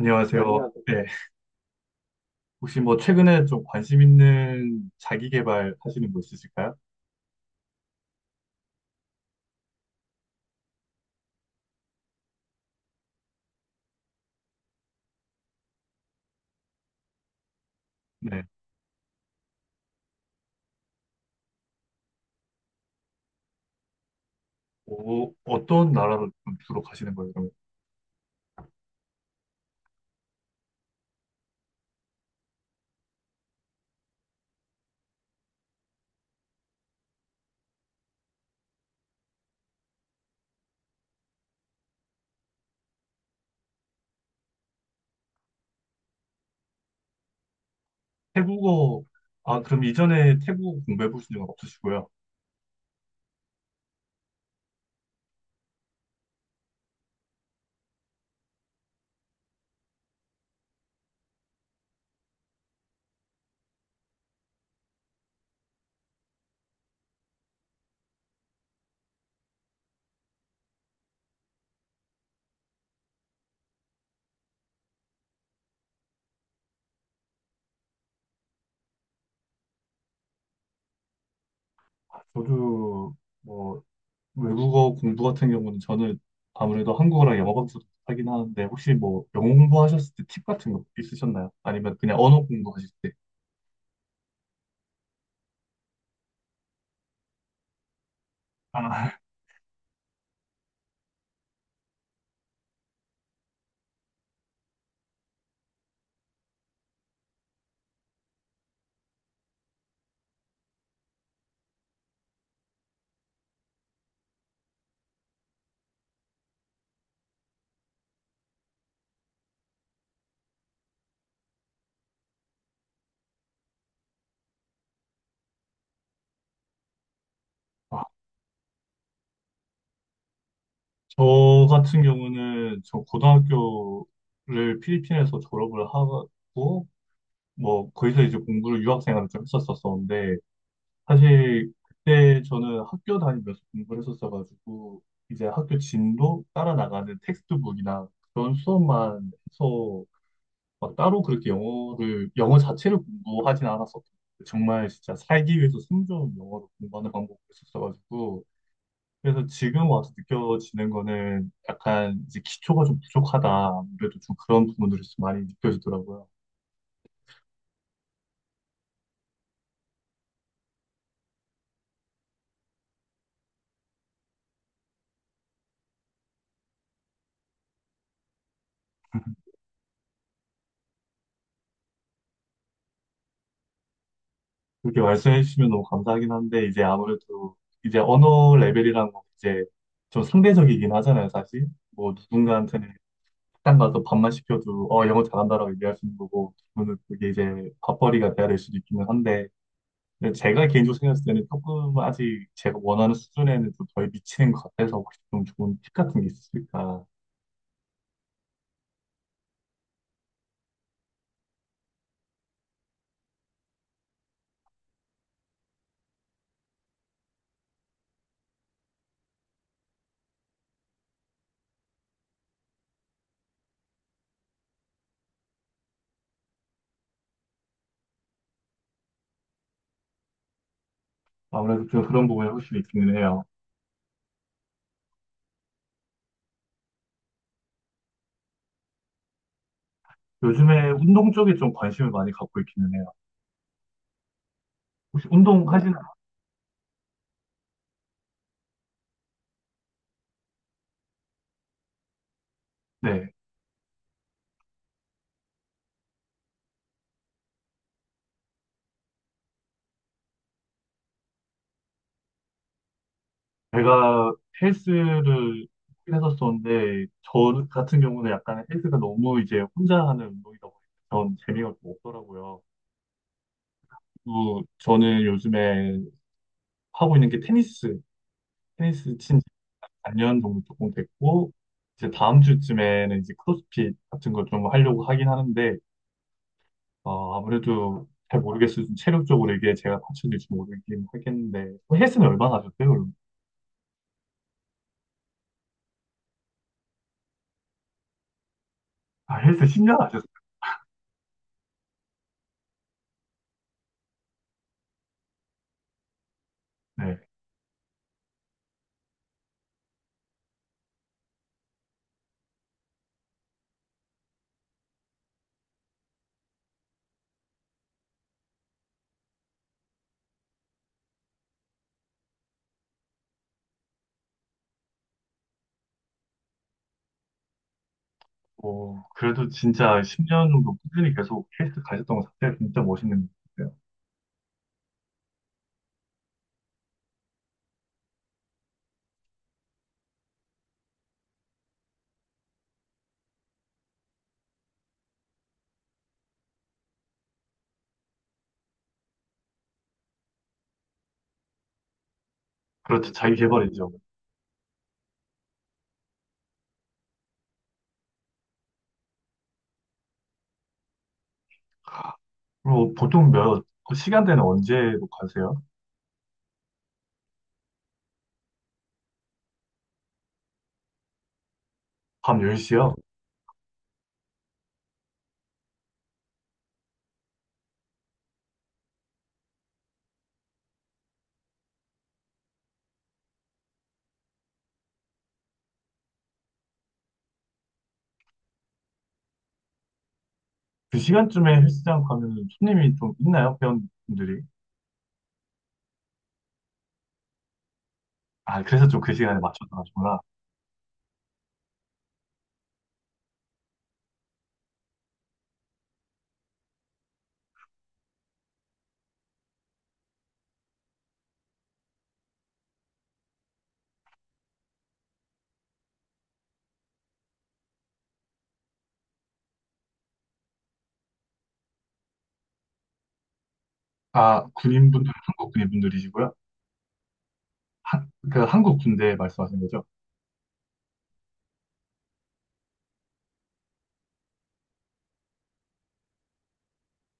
안녕하세요. 안녕하세요. 네. 혹시 최근에 좀 관심 있는 자기 개발 하시는 거 있으실까요? 네. 오, 어떤 나라로 좀 주로 가시는 거예요? 그, 태국어, 아, 그럼 이전에 태국어 공부해 보신 적은 없으시고요. 아, 저도, 뭐 외국어 공부 같은 경우는 저는 아무래도 한국어랑 영어밖에 하긴 하는데, 혹시 영어 공부하셨을 때 팁 같은 거 있으셨나요? 아니면 그냥 언어 공부하실 때? 아, 아, 저 같은 경우는 저 고등학교를 필리핀에서 졸업을 하고, 거기서 이제 공부를, 유학생활을 좀 했었었는데, 사실 그때 저는 학교 다니면서 공부를 했었어가지고 이제 학교 진도 따라 나가는 텍스트북이나 그런 수업만 해서 막 따로 그렇게 영어 자체를 공부하진 않았었고, 정말 진짜 살기 위해서 숨겨놓은 영어로 공부하는 방법을 했었어가지고, 그래서 지금 와서 느껴지는 거는 약간 이제 기초가 좀 부족하다. 아무래도 좀 그런 부분들이 좀 많이 느껴지더라고요. 그렇게 말씀해 주시면 너무 감사하긴 한데, 이제 아무래도 이제 언어 레벨이라는 건 이제 좀 상대적이긴 하잖아요, 사실. 누군가한테는 식당 가서 밥만 시켜도, 영어 잘한다라고 얘기할 수 있는 거고, 그분은 그게 이제 밥벌이가 돼야 될 수도 있기는 한데, 근데 제가 개인적으로 생각했을 때는 조금 아직 제가 원하는 수준에는 좀 덜 미치는 것 같아서, 혹시 좀 좋은 팁 같은 게 있을까? 아무래도 그런 부분이 확실히 있기는 해요. 요즘에 운동 쪽에 좀 관심을 많이 갖고 있기는 해요. 혹시 운동, 네, 하시나요? 네. 제가 헬스를 하긴 했었었는데, 저 같은 경우는 약간 헬스가 너무 이제 혼자 하는 운동이다 보니까 전 재미가 좀 없더라고요. 그리고 저는 요즘에 하고 있는 게 테니스, 테니스 친지 4년 정도 조금 됐고, 이제 다음 주쯤에는 이제 크로스핏 같은 걸 좀 하려고 하긴 하는데, 아무래도 잘 모르겠어요. 좀 체력적으로 이게 제가 받쳐질지 모르긴 하겠는데. 헬스는 얼마나 하셨어요, 그럼? 아, 헬스 10년 하셨어요? 네. 어, 그래도 진짜 10년 정도 꾸준히 계속 헬스 가셨던 것 자체가 진짜 멋있는 것 같아요. 그렇죠. 자기 개발이죠. 그리고 보통 몇, 그 시간대는 언제로 가세요? 밤 10시요? 그 시간쯤에 헬스장 가면 손님이 좀 있나요? 회원분들이? 아, 그래서 좀 그 시간에 맞춰서 가시구나. 아, 군인분들, 한국 군인분들이시고요? 한, 그 한국 군대 말씀하신 거죠?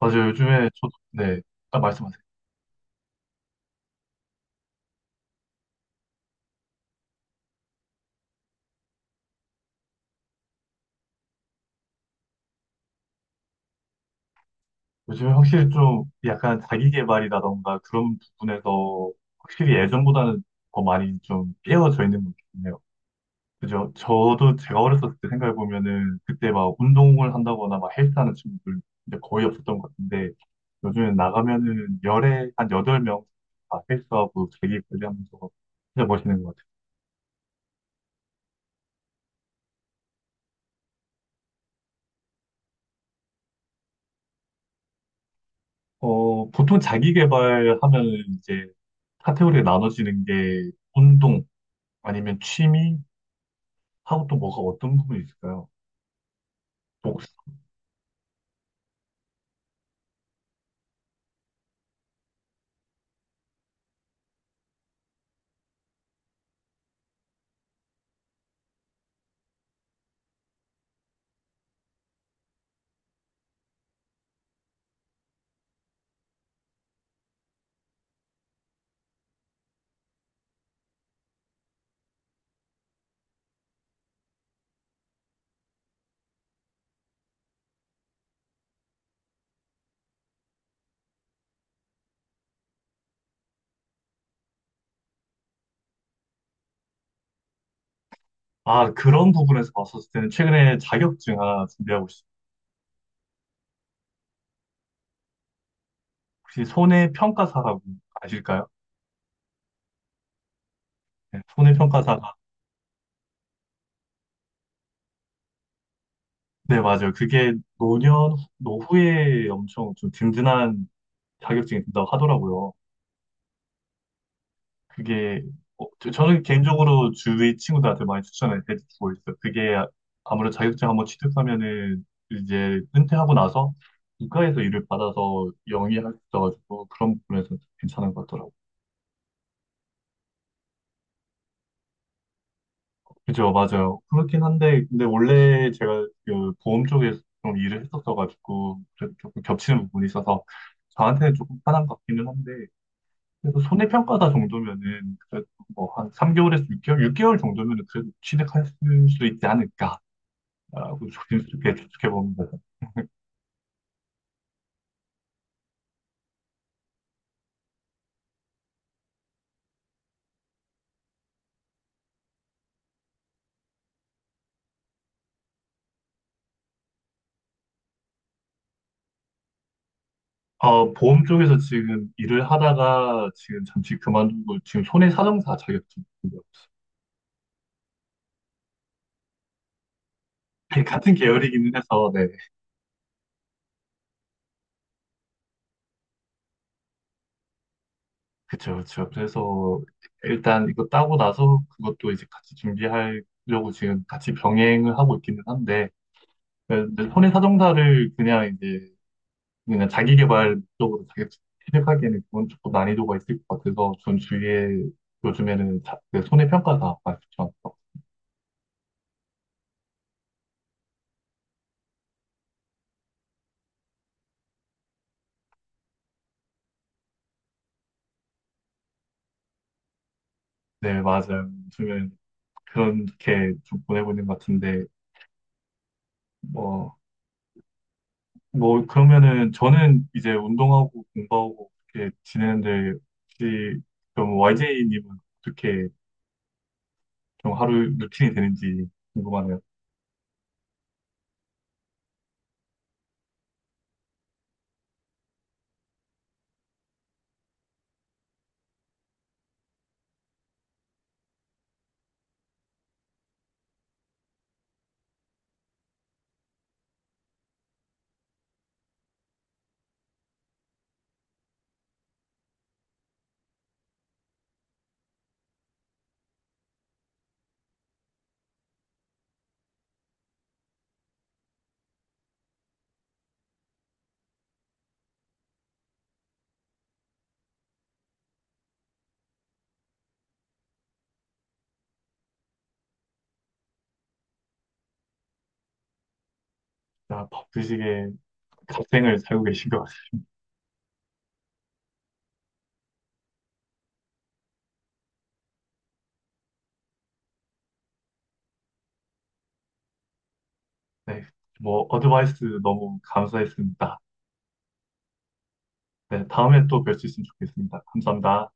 맞아요. 요즘에 저도, 네. 딱 말씀하세요. 요즘에 확실히 좀 약간 자기계발이라던가 그런 부분에서 확실히 예전보다는 더 많이 좀 깨어져 있는 것 같네요. 그죠? 저도 제가 어렸을 때 생각해보면은 그때 막 운동을 한다거나 막 헬스하는 친구들 이제 거의 없었던 것 같은데, 요즘에 나가면은 열에 한 여덟 명다 헬스하고 자기 관리하면서 진짜 멋있는 것 같아요. 보통 자기 개발하면 이제 카테고리에 나눠지는 게 운동, 아니면 취미? 하고 또 뭐가 어떤 부분이 있을까요? 복사. 아, 그런 부분에서 봤었을 때는 최근에 자격증 하나 준비하고 있어요. 혹시 손해평가사라고 아실까요? 네, 손해평가사가. 네, 맞아요. 그게 노년, 노후에 엄청 좀 든든한 자격증이 된다고 하더라고요. 그게, 저는 개인적으로 주위 친구들한테 많이 추천을 해주고 있어요. 그게, 아, 아무래도 자격증 한번 취득하면은 이제 은퇴하고 나서 국가에서 일을 받아서 영위할 수 있어가지고, 그런 부분에서 괜찮은 것 같더라고요. 그죠, 맞아요. 그렇긴 한데, 근데 원래 제가 그 보험 쪽에서 좀 일을 했었어가지고 그래도 조금 겹치는 부분이 있어서 저한테는 조금 편한 것 같기는 한데, 그래서 손해평가사 정도면은 그래도 한 3개월에서 6개월 정도면은 그래도 취득할 수 있지 않을까라고 조심스럽게 추측해 봅니다. 어, 보험 쪽에서 지금 일을 하다가 지금 잠시 그만두고 지금 손해사정사 자격증 있고요. 같은 계열이기는 해서, 네그죠그렇죠 그래서 일단 이거 따고 나서 그것도 이제 같이 준비하려고 지금 같이 병행을 하고 있기는 한데, 네, 근데 손해사정사를 그냥 이제, 그냥 자기 개발 쪽으로 자기 취직하기에는 그건 조금 난이도가 있을 것 같아서, 전 주위에 요즘에는 자, 그 손해평가사 말씀처럼. 네, 맞아요. 요즘엔 그렇게 좀 보내고 있는 것 같은데, 뭐 그러면은 저는 이제 운동하고 공부하고 이렇게 지내는데, 혹시 그럼 YJ님은 어떻게 좀 하루 루틴이 되는지 궁금하네요. 다 바쁘시게 갓생을 살고 계신 것 같습니다. 네, 어드바이스 너무 감사했습니다. 네, 다음에 또 뵐 수 있으면 좋겠습니다. 감사합니다.